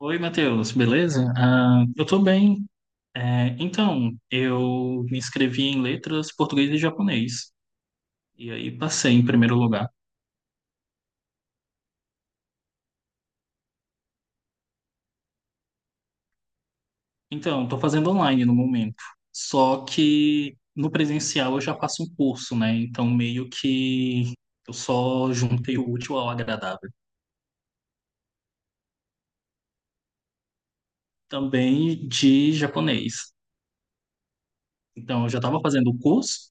Oi, Matheus, beleza? Ah, eu tô bem. É, então, eu me inscrevi em letras português e japonês. E aí passei em primeiro lugar. Então, tô fazendo online no momento. Só que no presencial eu já faço um curso, né? Então, meio que eu só juntei o útil ao agradável. Também de japonês. Então, eu já tava fazendo o curso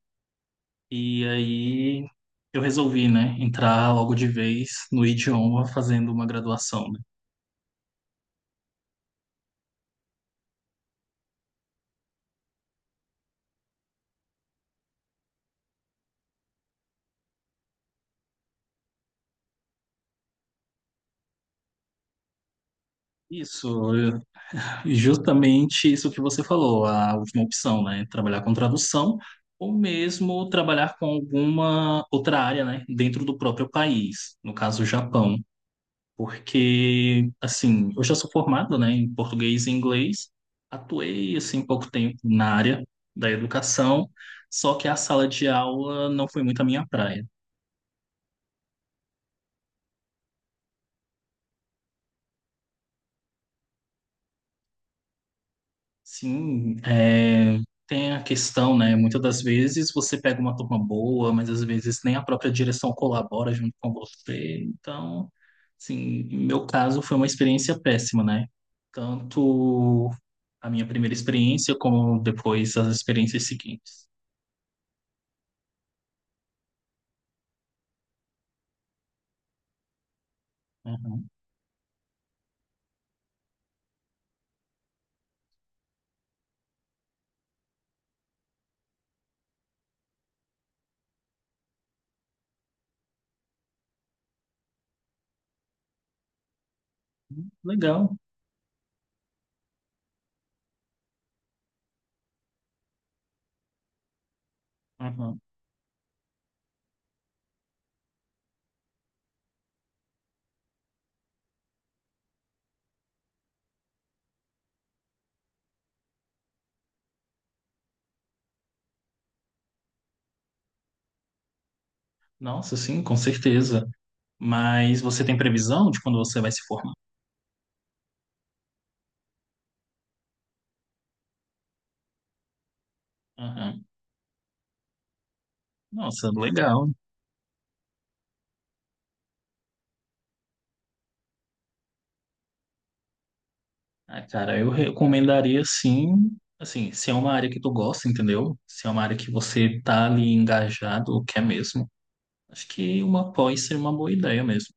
e aí eu resolvi, né, entrar logo de vez no idioma fazendo uma graduação, né? Isso, justamente isso que você falou, a última opção, né? Trabalhar com tradução ou mesmo trabalhar com alguma outra área, né? Dentro do próprio país, no caso, o Japão. Porque, assim, eu já sou formado, né, em português e inglês, atuei, assim, pouco tempo na área da educação, só que a sala de aula não foi muito a minha praia. Sim, é, tem a questão, né? Muitas das vezes você pega uma turma boa, mas às vezes nem a própria direção colabora junto com você. Então, assim, no meu caso foi uma experiência péssima, né? Tanto a minha primeira experiência como depois as experiências seguintes. Uhum. Legal. Uhum. Nossa, sim, com certeza. Mas você tem previsão de quando você vai se formar? Uhum. Nossa, legal. Ah, cara, eu recomendaria sim, assim, se é uma área que tu gosta, entendeu? Se é uma área que você tá ali engajado, ou quer mesmo, acho que uma pós seria uma boa ideia mesmo.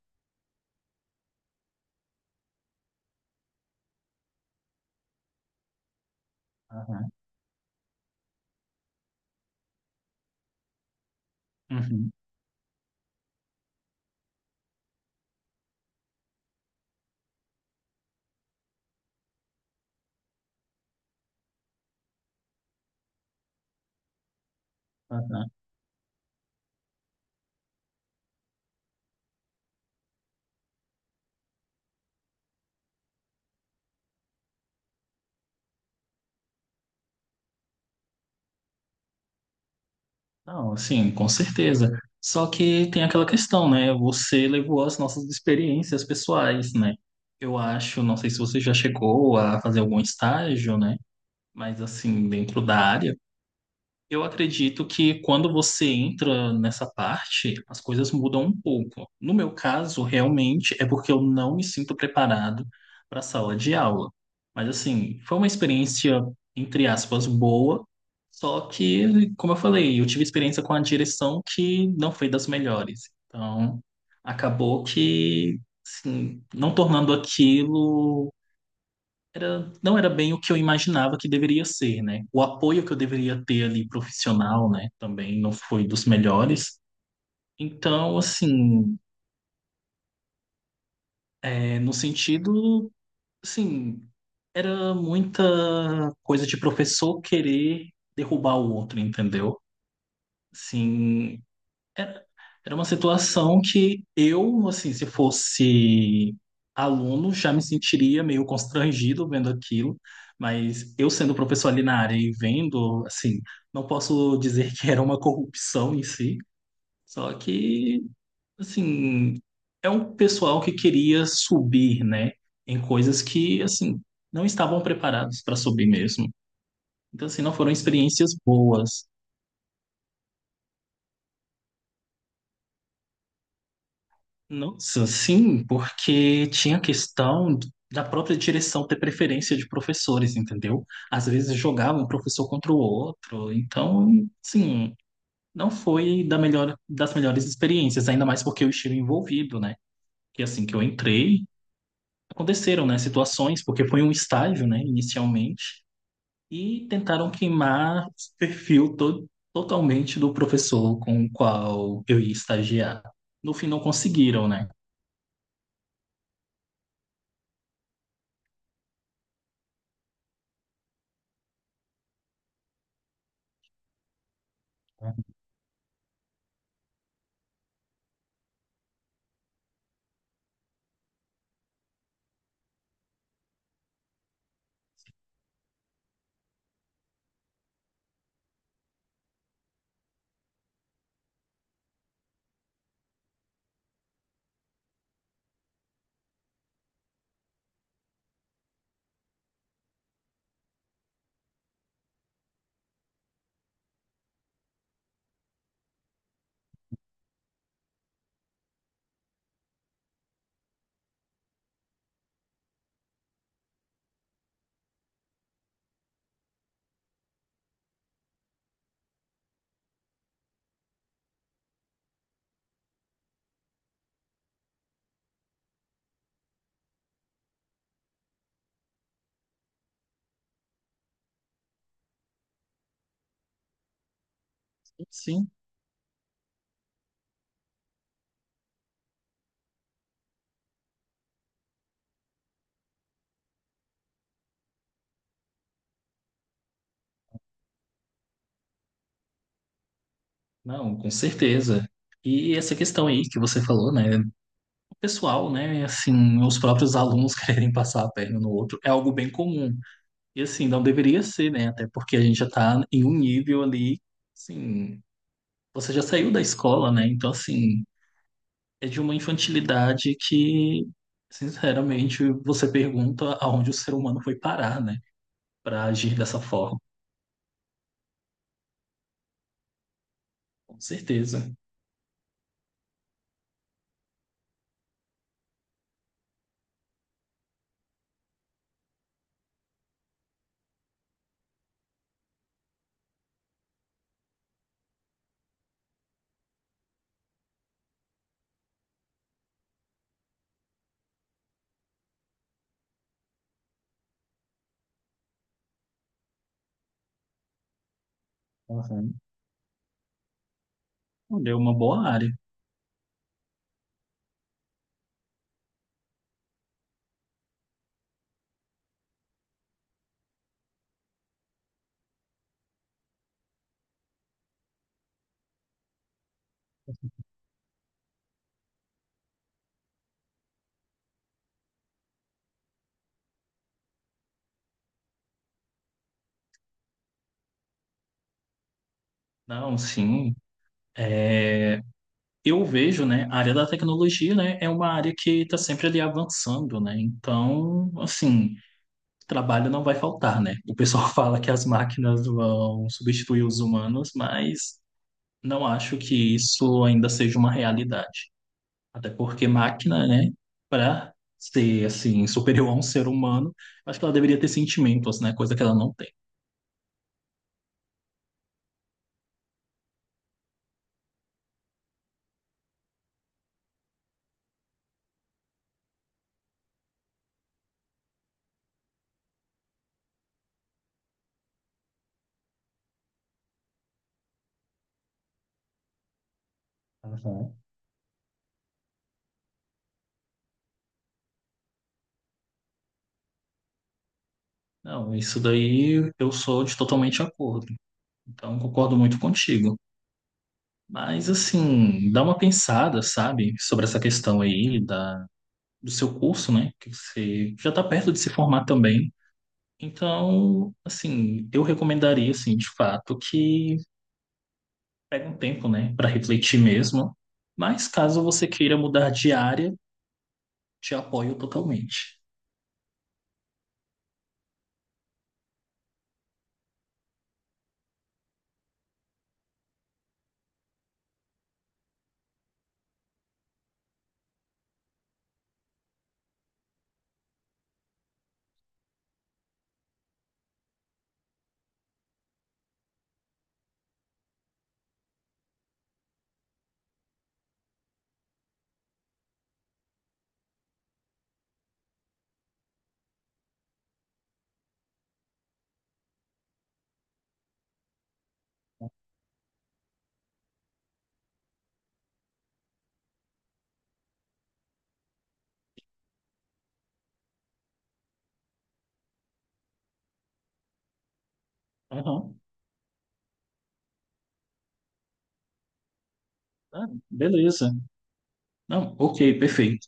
Aham, uhum, aham. Não, assim, com certeza. Só que tem aquela questão, né? Você levou as nossas experiências pessoais, né? Eu acho, não sei se você já chegou a fazer algum estágio, né? Mas assim, dentro da área. Eu acredito que quando você entra nessa parte, as coisas mudam um pouco. No meu caso, realmente é porque eu não me sinto preparado para a sala de aula. Mas assim, foi uma experiência, entre aspas, boa. Só que, como eu falei, eu tive experiência com a direção que não foi das melhores. Então, acabou que, assim, não tornando aquilo era, não era bem o que eu imaginava que deveria ser, né? O apoio que eu deveria ter ali profissional, né? Também não foi dos melhores. Então, assim, é, no sentido, assim, era muita coisa de professor querer derrubar o outro, entendeu? Assim, era, era uma situação que eu, assim, se fosse aluno, já me sentiria meio constrangido vendo aquilo, mas eu sendo professor ali na área e vendo, assim, não posso dizer que era uma corrupção em si, só que, assim, é um pessoal que queria subir, né, em coisas que, assim, não estavam preparados para subir mesmo. Então, assim, não foram experiências boas. Nossa, sim, porque tinha a questão da própria direção ter preferência de professores, entendeu? Às vezes jogava um professor contra o outro, então, sim, não foi da melhor, das melhores experiências, ainda mais porque eu estive envolvido, né? E assim que eu entrei, aconteceram, né, situações, porque foi um estágio, né, inicialmente, e tentaram queimar o perfil to totalmente do professor com o qual eu ia estagiar. No fim, não conseguiram, né? Sim. Não, com certeza. E essa questão aí que você falou, né? O pessoal, né? Assim, os próprios alunos quererem passar a perna no outro é algo bem comum. E assim, não deveria ser, né? Até porque a gente já tá em um nível ali, assim, você já saiu da escola, né? Então, assim, é de uma infantilidade que, sinceramente, você pergunta aonde o ser humano foi parar, né? Para agir dessa forma. Com certeza. Uhum. Olha, é uma boa área. Não, sim, é, eu vejo, né, a área da tecnologia, né, é uma área que está sempre ali avançando, né? Então, assim, trabalho não vai faltar, né? O pessoal fala que as máquinas vão substituir os humanos, mas não acho que isso ainda seja uma realidade. Até porque máquina, né, para ser, assim, superior a um ser humano, acho que ela deveria ter sentimentos, né? Coisa que ela não tem. Uhum. Não, isso daí eu sou de totalmente acordo. Então, concordo muito contigo. Mas assim, dá uma pensada, sabe, sobre essa questão aí da, do seu curso, né? Que você já está perto de se formar também. Então, assim, eu recomendaria, assim, de fato, que pegue um tempo, né, para refletir mesmo. Mas caso você queira mudar de área, te apoio totalmente. Aham. Ah, beleza. Não, ok, perfeito.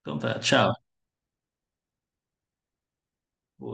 Então tá, tchau.